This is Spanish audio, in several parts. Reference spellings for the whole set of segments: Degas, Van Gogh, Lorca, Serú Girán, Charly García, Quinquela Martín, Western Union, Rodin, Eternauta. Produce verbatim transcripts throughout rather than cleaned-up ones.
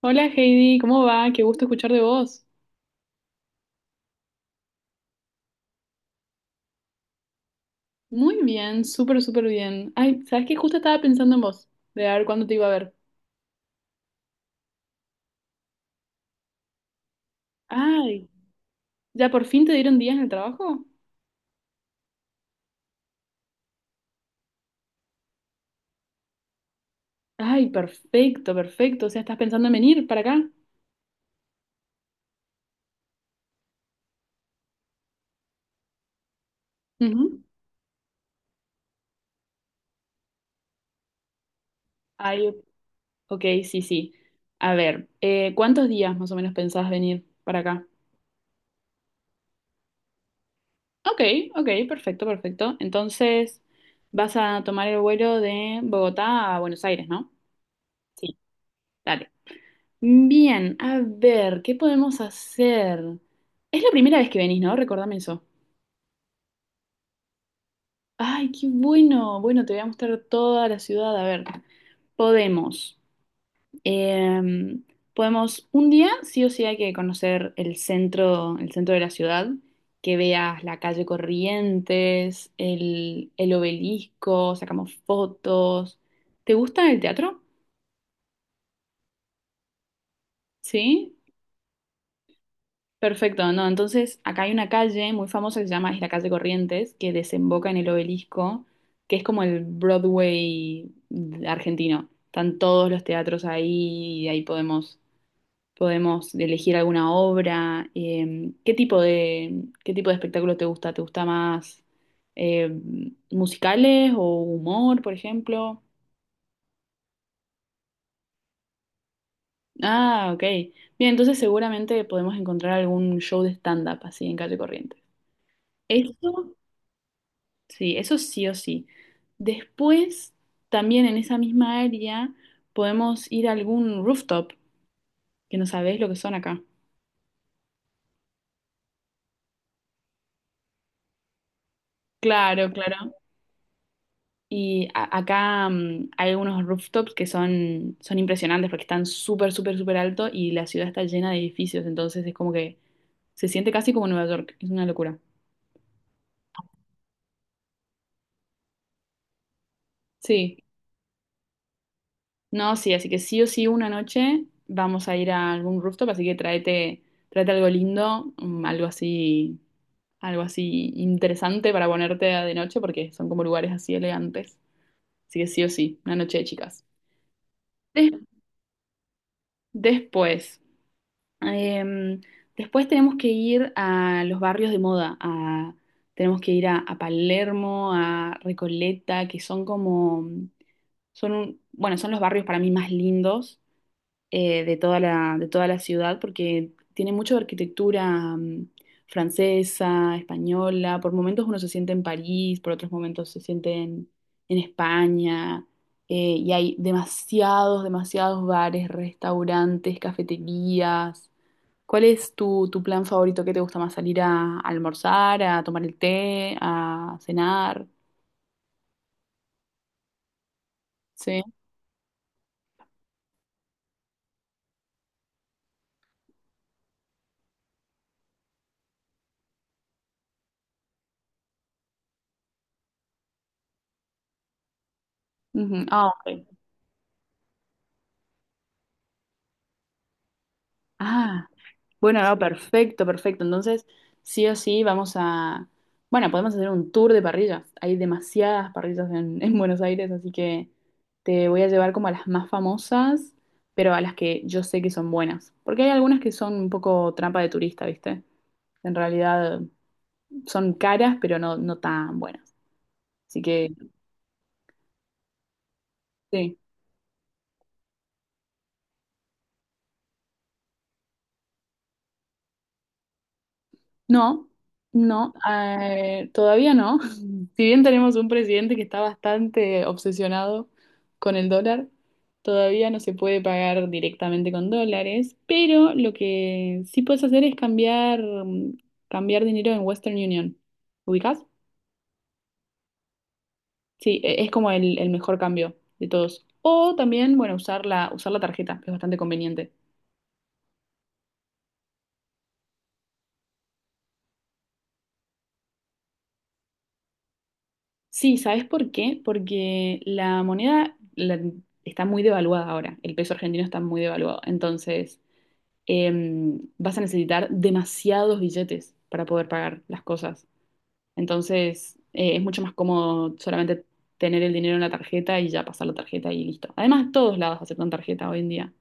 Hola Heidi, ¿cómo va? Qué gusto escuchar de vos. Muy bien, súper, súper bien. Ay, ¿sabes qué? Justo estaba pensando en vos, de a ver cuándo te iba a ver. Ay, ¿ya por fin te dieron días en el trabajo? Ay, perfecto, perfecto. O sea, ¿estás pensando en venir para acá? Ujú. Ay, ok, sí, sí. A ver, eh, ¿cuántos días más o menos pensás venir para acá? Ok, ok, perfecto, perfecto. Entonces, vas a tomar el vuelo de Bogotá a Buenos Aires, ¿no? Sí, dale. Bien, a ver, ¿qué podemos hacer? Es la primera vez que venís, ¿no? Recordame eso. Ay, qué bueno. Bueno, te voy a mostrar toda la ciudad. A ver, podemos. eh, podemos un día, sí o sí hay que conocer el centro, el centro de la ciudad, que veas la calle Corrientes, el, el obelisco, sacamos fotos. ¿Te gusta el teatro? ¿Sí? Perfecto, no, entonces acá hay una calle muy famosa que se llama, es la calle Corrientes, que desemboca en el Obelisco, que es como el Broadway argentino. Están todos los teatros ahí y ahí podemos, podemos elegir alguna obra. Eh, ¿qué tipo de, qué tipo de espectáculo te gusta? ¿Te gusta más eh, musicales o humor, por ejemplo? Ah, ok. Bien, entonces seguramente podemos encontrar algún show de stand-up así en calle Corrientes. Eso Sí, eso sí o sí. Después, también en esa misma área, podemos ir a algún rooftop, que no sabés lo que son acá. Claro, claro. Y a- acá mm, hay algunos rooftops que son, son impresionantes porque están súper, súper, súper alto y la ciudad está llena de edificios, entonces es como que se siente casi como Nueva York, es una locura. Sí, no, sí, así que sí o sí una noche vamos a ir a algún rooftop, así que tráete, tráete algo lindo, mm, algo así algo así interesante para ponerte de noche porque son como lugares así elegantes. Así que sí o sí, una noche de chicas. Des- después, em, después tenemos que ir a los barrios de moda, a- tenemos que ir a, a Palermo, a Recoleta, que son como, son un- bueno, son los barrios para mí más lindos eh, de toda la, de toda la ciudad porque tiene mucho de arquitectura mm, francesa, española. Por momentos uno se siente en París, por otros momentos se siente en, en España. eh, y hay demasiados, demasiados bares, restaurantes, cafeterías. ¿Cuál es tu, tu plan favorito? ¿Qué te gusta más? ¿Salir a, a almorzar, a tomar el té, a cenar? Sí. Ujú. Ah, ok. Ah, bueno, no, perfecto, perfecto. Entonces, sí o sí, vamos a... Bueno, podemos hacer un tour de parrillas. Hay demasiadas parrillas en, en Buenos Aires, así que te voy a llevar como a las más famosas, pero a las que yo sé que son buenas. Porque hay algunas que son un poco trampa de turista, ¿viste? En realidad son caras, pero no, no tan buenas. Así que, sí. No, no, eh, todavía no. Si bien tenemos un presidente que está bastante obsesionado con el dólar, todavía no se puede pagar directamente con dólares, pero lo que sí puedes hacer es cambiar, mm, cambiar dinero en Western Union. ¿Ubicás? Sí, e- es como el, el mejor cambio de todos. O también, bueno, usar la, usar la tarjeta, que es bastante conveniente. Sí, ¿sabes por qué? Porque la moneda la- está muy devaluada ahora. El peso argentino está muy devaluado. Entonces... em, vas a necesitar demasiados billetes para poder pagar las cosas. Entonces, eh, es mucho más cómodo solamente tener el dinero en la tarjeta y ya pasar la tarjeta y listo. Además, todos lados aceptan tarjeta hoy en día.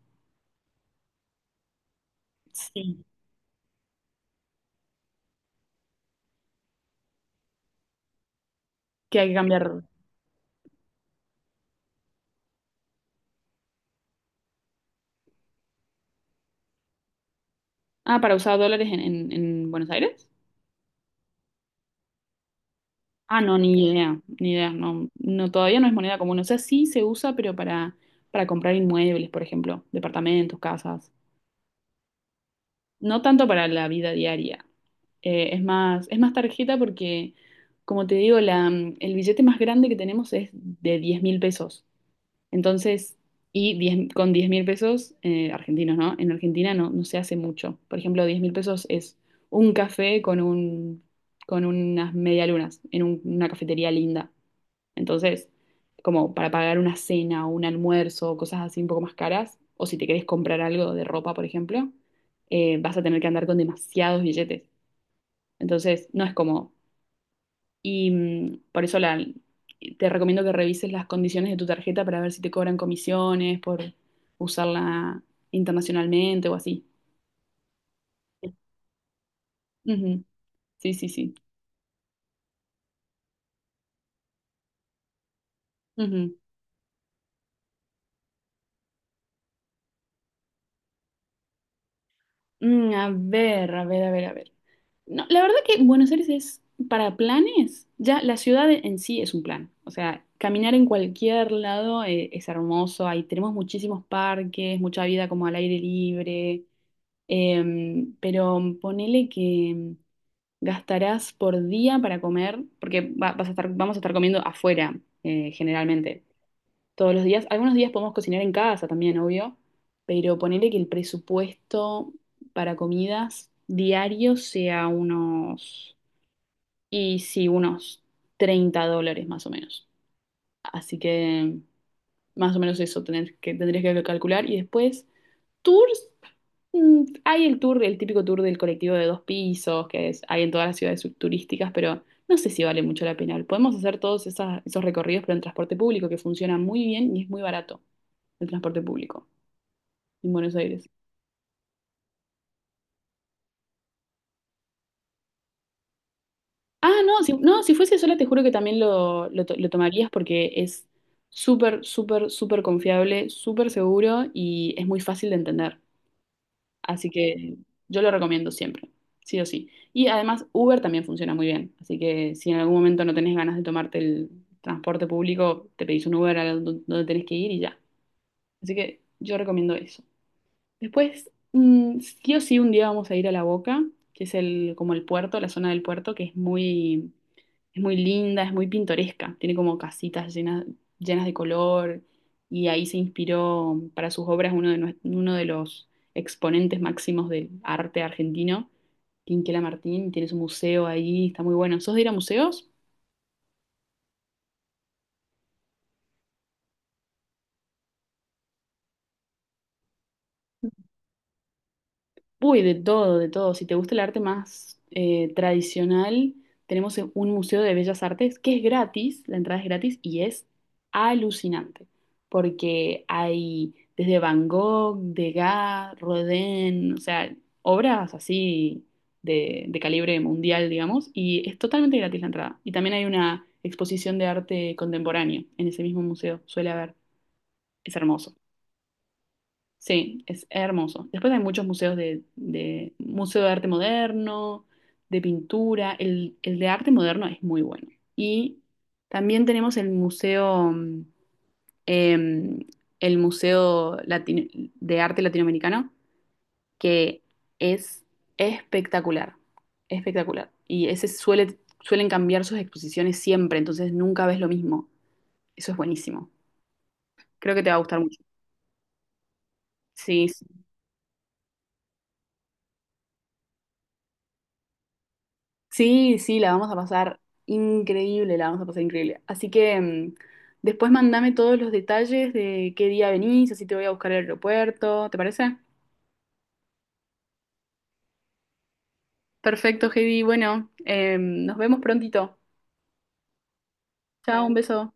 Sí. Que hay que cambiar. Ah, para usar dólares en, en- en Buenos Aires. Ah, no, ni idea, ni idea, no, no, todavía no es moneda común. O sea, sí se usa, pero para, para comprar inmuebles, por ejemplo, departamentos, casas. No tanto para la vida diaria. Eh, es más, es más tarjeta porque, como te digo, la, mm, el billete más grande que tenemos es de diez mil pesos. Entonces, y diez con diez mil pesos, eh, argentinos, ¿no? En Argentina no, no se hace mucho. Por ejemplo, diez mil pesos es un café con un, con unas medialunas en un- una cafetería linda. Entonces, como para pagar una cena o un almuerzo, cosas así un poco más caras, o si te querés comprar algo de ropa, por ejemplo, eh, vas a tener que andar con demasiados billetes. Entonces, no es cómodo. Y mm, por eso la, te recomiendo que revises las condiciones de tu tarjeta para ver si te cobran comisiones por usarla internacionalmente o así. Ujú. Sí, sí, sí. Ujú. Mm, a ver, a ver, a ver, a ver. No, la verdad que Buenos Aires es para planes, ya la ciudad en sí es un plan. O sea, caminar en cualquier lado eh, es hermoso. Ahí tenemos muchísimos parques, mucha vida como al aire libre. Em, pero ponele que gastarás por día para comer, porque va- vas a estar, vamos a estar comiendo afuera eh, generalmente todos los días. Algunos días podemos cocinar en casa también, obvio, pero ponerle que el presupuesto para comidas diarios sea unos, y sí, unos treinta dólares más o menos. Así que más o menos eso tener que, tendrías que calcular y después Tours, mm, hay el tour, el típico tour del colectivo de dos pisos, que es- hay en todas las ciudades turísticas, pero no sé si vale mucho la pena. Podemos hacer todos esas- esos recorridos, pero en transporte público, que funciona muy bien y es muy barato el transporte público en Buenos Aires. Ah, no, si, no, si fuese sola, te juro que también lo, lo, to- lo tomarías porque es súper, súper, súper confiable, súper seguro y es muy fácil de entender. Así que yo lo recomiendo siempre, sí o sí. Y además Uber también funciona muy bien, así que si en algún momento no tenés ganas de tomarte el transporte público, te pedís un Uber a donde tenés que ir y ya. Así que yo recomiendo eso. Después, mm, sí o sí, un día vamos a ir a La Boca, que es el, como el puerto, la zona del puerto, que es muy, es muy linda, es muy pintoresca. Tiene como casitas llenas, llenas de color y ahí se inspiró para sus obras uno de, nue- uno de los exponentes máximos del arte argentino, Quinquela Martín. Tiene su museo ahí, está muy bueno. ¿Sos de ir a museos? Uy, de todo, de todo. Si te gusta el arte más eh, tradicional, tenemos e, un museo de bellas artes que es gratis, la entrada es gratis y es alucinante, porque hay desde Van Gogh, Degas, Rodin, o sea, obras así de, de calibre mundial, digamos, y es totalmente gratis la entrada. Y también hay una exposición de arte contemporáneo en ese mismo museo, suele haber, es hermoso. Sí, es hermoso. Después hay muchos museos de, de museo de arte moderno, de pintura. El, el de arte moderno es muy bueno. Y también tenemos el museo, mm, em, el museo Latino- de arte latinoamericano, que es espectacular, espectacular. Y ese suele, suelen cambiar sus exposiciones siempre, entonces nunca ves lo mismo. Eso es buenísimo. Creo que te va a gustar mucho. Sí, sí. Sí, sí, la vamos a pasar increíble, la vamos a pasar increíble. Así que mm, después mandame todos los detalles de qué día venís, así te voy a buscar al aeropuerto, ¿te parece? Perfecto, Heidi. Bueno, em, nos vemos prontito. Chao, un beso.